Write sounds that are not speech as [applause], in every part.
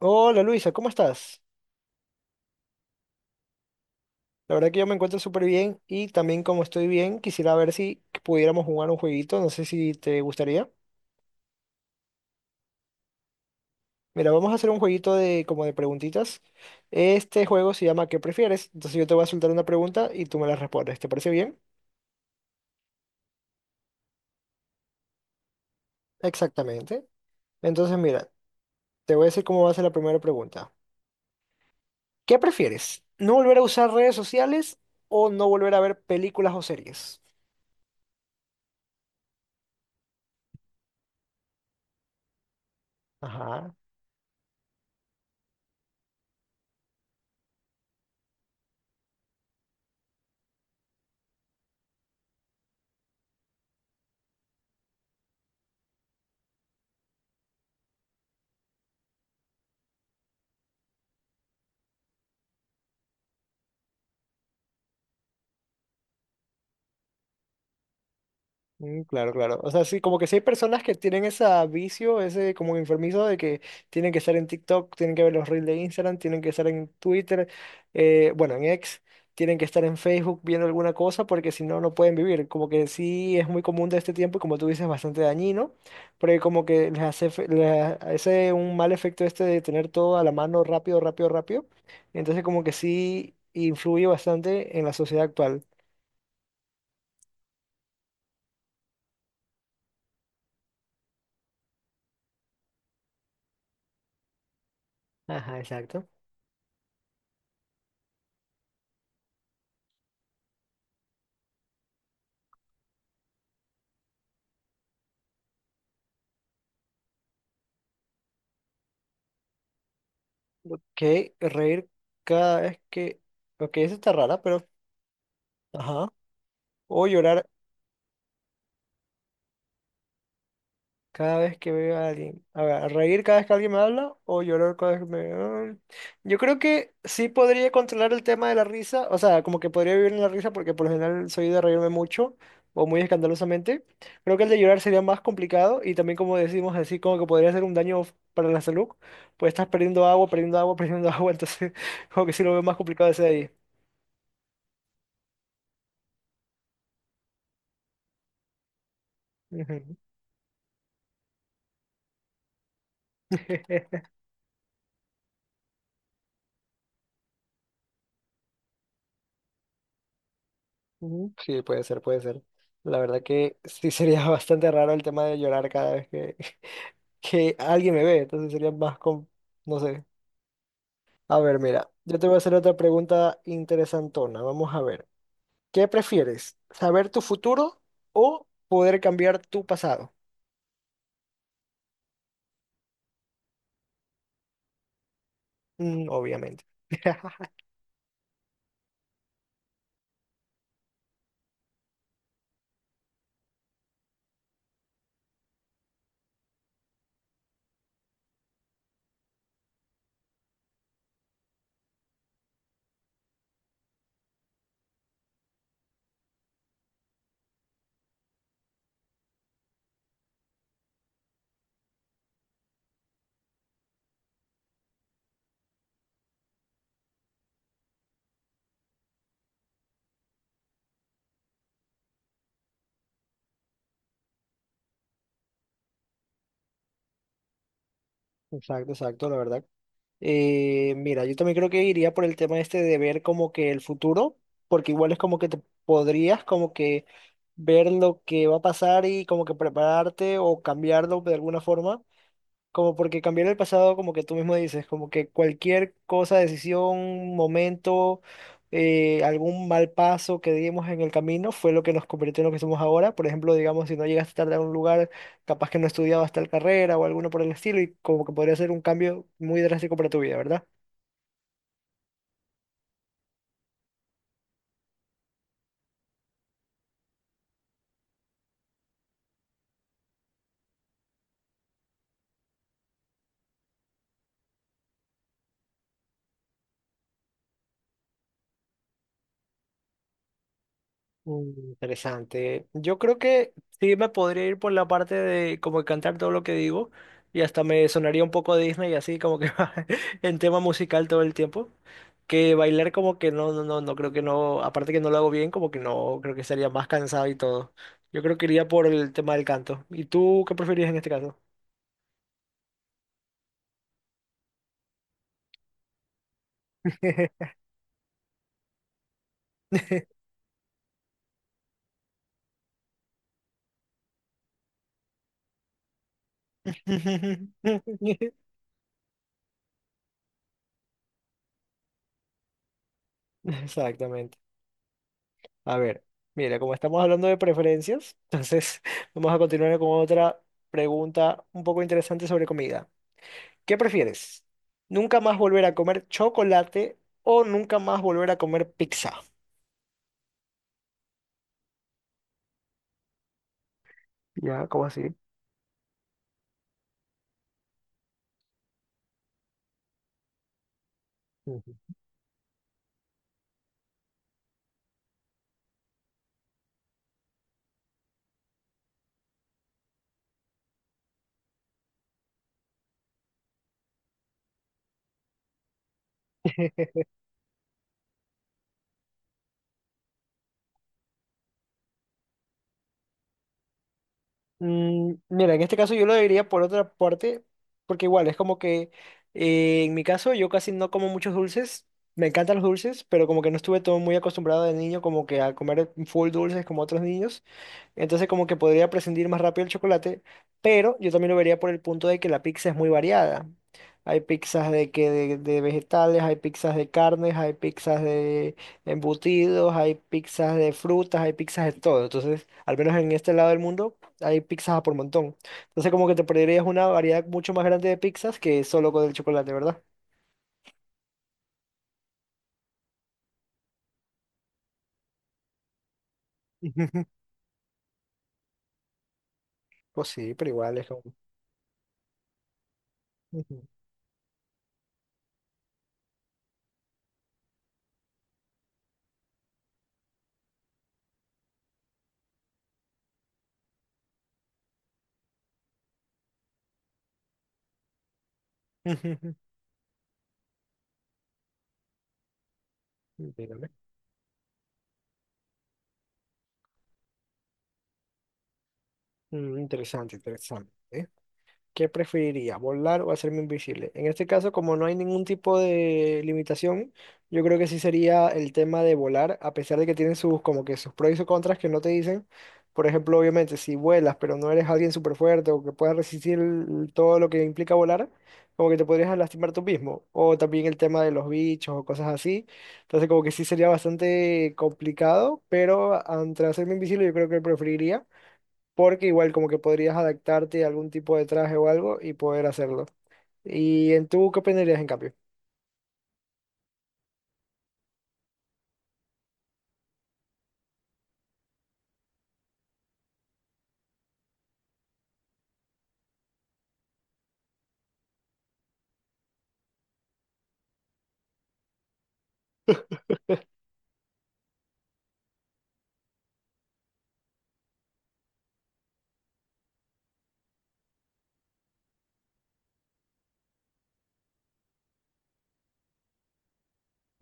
Hola Luisa, ¿cómo estás? La verdad que yo me encuentro súper bien y también como estoy bien, quisiera ver si pudiéramos jugar un jueguito, no sé si te gustaría. Mira, vamos a hacer un jueguito de como de preguntitas. Este juego se llama ¿Qué prefieres? Entonces yo te voy a soltar una pregunta y tú me la respondes. ¿Te parece bien? Exactamente. Entonces mira, te voy a decir cómo va a ser la primera pregunta. ¿Qué prefieres? ¿No volver a usar redes sociales o no volver a ver películas o series? Ajá. Mm, claro, claro. O sea, sí, como que sí hay personas que tienen ese vicio, ese como enfermizo de que tienen que estar en TikTok, tienen que ver los reels de Instagram, tienen que estar en Twitter, bueno, en X, tienen que estar en Facebook viendo alguna cosa porque si no, no pueden vivir. Como que sí es muy común de este tiempo y como tú dices, bastante dañino, porque como que les hace, les hace un mal efecto este de tener todo a la mano rápido, rápido, rápido. Entonces como que sí influye bastante en la sociedad actual. Ajá, exacto. Ok, reír cada vez que... Ok, eso está rara, pero... Ajá. O llorar cada vez que veo a alguien. A ver, reír cada vez que alguien me habla o llorar cada vez que me... Ah, yo creo que sí podría controlar el tema de la risa. O sea, como que podría vivir en la risa porque por lo general soy de reírme mucho o muy escandalosamente. Creo que el de llorar sería más complicado y también como decimos así, como que podría ser un daño para la salud. Pues estás perdiendo agua, [laughs] perdiendo agua. Entonces, [laughs] como que sí lo veo más complicado ese de ahí. Ujú. [laughs] Ujú, sí, puede ser, puede ser. La verdad que sí sería [laughs] bastante raro el tema de llorar cada vez que, [laughs] que alguien me ve, entonces sería más con, no sé. A ver, mira, yo te voy a hacer otra pregunta interesantona. Vamos a ver. ¿Qué prefieres? ¿Saber tu futuro o poder cambiar tu pasado? Mm, obviamente. [laughs] Exacto, exacto. La verdad. Mira, yo también creo que iría por el tema este de ver como que el futuro, porque igual es como que te podrías como que ver lo que va a pasar y como que prepararte o cambiarlo de alguna forma. Como porque cambiar el pasado, como que tú mismo dices, como que cualquier cosa, decisión, momento, algún mal paso que dimos en el camino fue lo que nos convirtió en lo que somos ahora. Por ejemplo, digamos, si no llegaste tarde a un lugar, capaz que no estudiabas tal carrera o alguno por el estilo, y como que podría ser un cambio muy drástico para tu vida, ¿verdad? Mm, interesante. Yo creo que sí me podría ir por la parte de como cantar todo lo que digo y hasta me sonaría un poco Disney así como que [laughs] en tema musical todo el tiempo. Que bailar como que no, no, no, no creo que no, aparte que no lo hago bien, como que no, creo que estaría más cansado y todo. Yo creo que iría por el tema del canto. ¿Y tú qué preferirías en este caso? [laughs] [laughs] Exactamente. A ver, mira, como estamos hablando de preferencias, [laughs] entonces vamos a continuar con otra pregunta un poco interesante sobre comida. ¿Qué prefieres? ¿Nunca más volver a comer chocolate o nunca más volver a comer pizza? Ya, ¿cómo así? Ujú. [laughs] Mm, mira, en este caso yo lo diría por otra parte, porque igual es como que en mi caso yo casi no como muchos dulces, me encantan los dulces, pero como que no estuve todo muy acostumbrado de niño como que a comer full dulces como otros niños. Entonces como que podría prescindir más rápido el chocolate, pero yo también lo vería por el punto de que la pizza es muy variada. Hay pizzas de que de vegetales, hay pizzas de carnes, hay pizzas de embutidos, hay pizzas de frutas, hay pizzas de todo. Entonces, al menos en este lado del mundo, hay pizzas a por montón. Entonces como que te perderías una variedad mucho más grande de pizzas que solo con el chocolate, ¿verdad? [laughs] Ujú. Pues sí, pero igual es como... [laughs] Ujú. Ujú. Dígame. Mm, interesante, interesante. ¿Qué preferiría, volar o hacerme invisible? En este caso, como no hay ningún tipo de limitación, yo creo que sí sería el tema de volar, a pesar de que tienen sus como que sus pros y sus contras que no te dicen. Por ejemplo, obviamente, si vuelas, pero no eres alguien súper fuerte o que pueda resistir todo lo que implica volar, como que te podrías lastimar tú mismo. O también el tema de los bichos o cosas así. Entonces, como que sí sería bastante complicado, pero ante hacerme invisible, yo creo que preferiría porque igual como que podrías adaptarte a algún tipo de traje o algo y poder hacerlo. ¿Y en tú qué opinarías en cambio?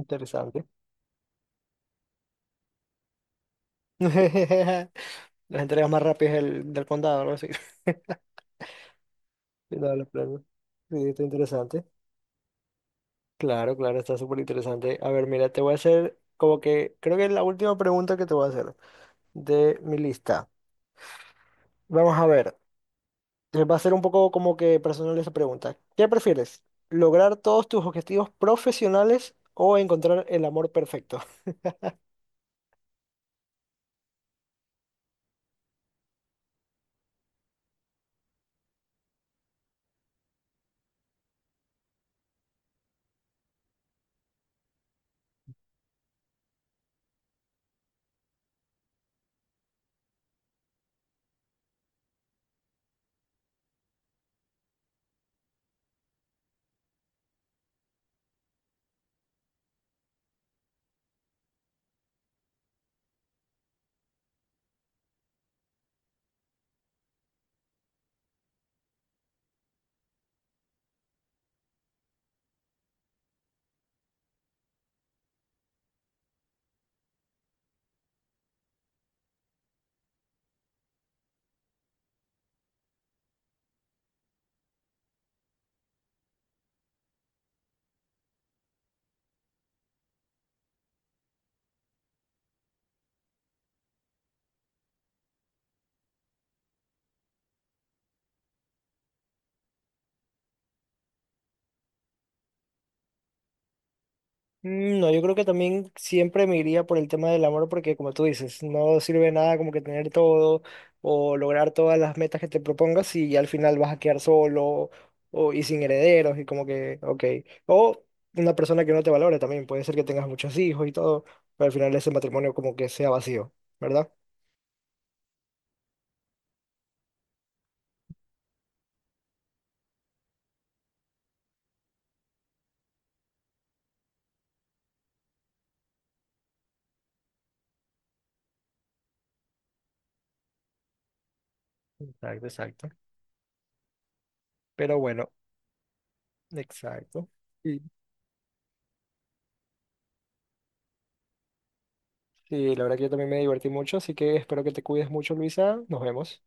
Interesante. [laughs] Las entregas más rápidas del condado, algo así. [laughs] Cuidado de los planos. Sí, está interesante. Claro, claro, está súper interesante. A ver, mira, te voy a hacer como que creo que es la última pregunta que te voy a hacer de mi lista. Vamos a ver, va a ser un poco como que personal esa pregunta. ¿Qué prefieres? ¿Lograr todos tus objetivos profesionales o encontrar el amor perfecto? Mm, no, yo creo que también siempre me iría por el tema del amor porque como tú dices, no sirve nada como que tener todo o lograr todas las metas que te propongas y al final vas a quedar solo o, y sin herederos y como que, ok. O una persona que no te valore también, puede ser que tengas muchos hijos y todo, pero al final ese matrimonio como que sea vacío, ¿verdad? Exacto, exacto. Pero bueno, exacto. Y, y la verdad que yo también me divertí mucho, así que espero que te cuides mucho, Luisa. Nos vemos.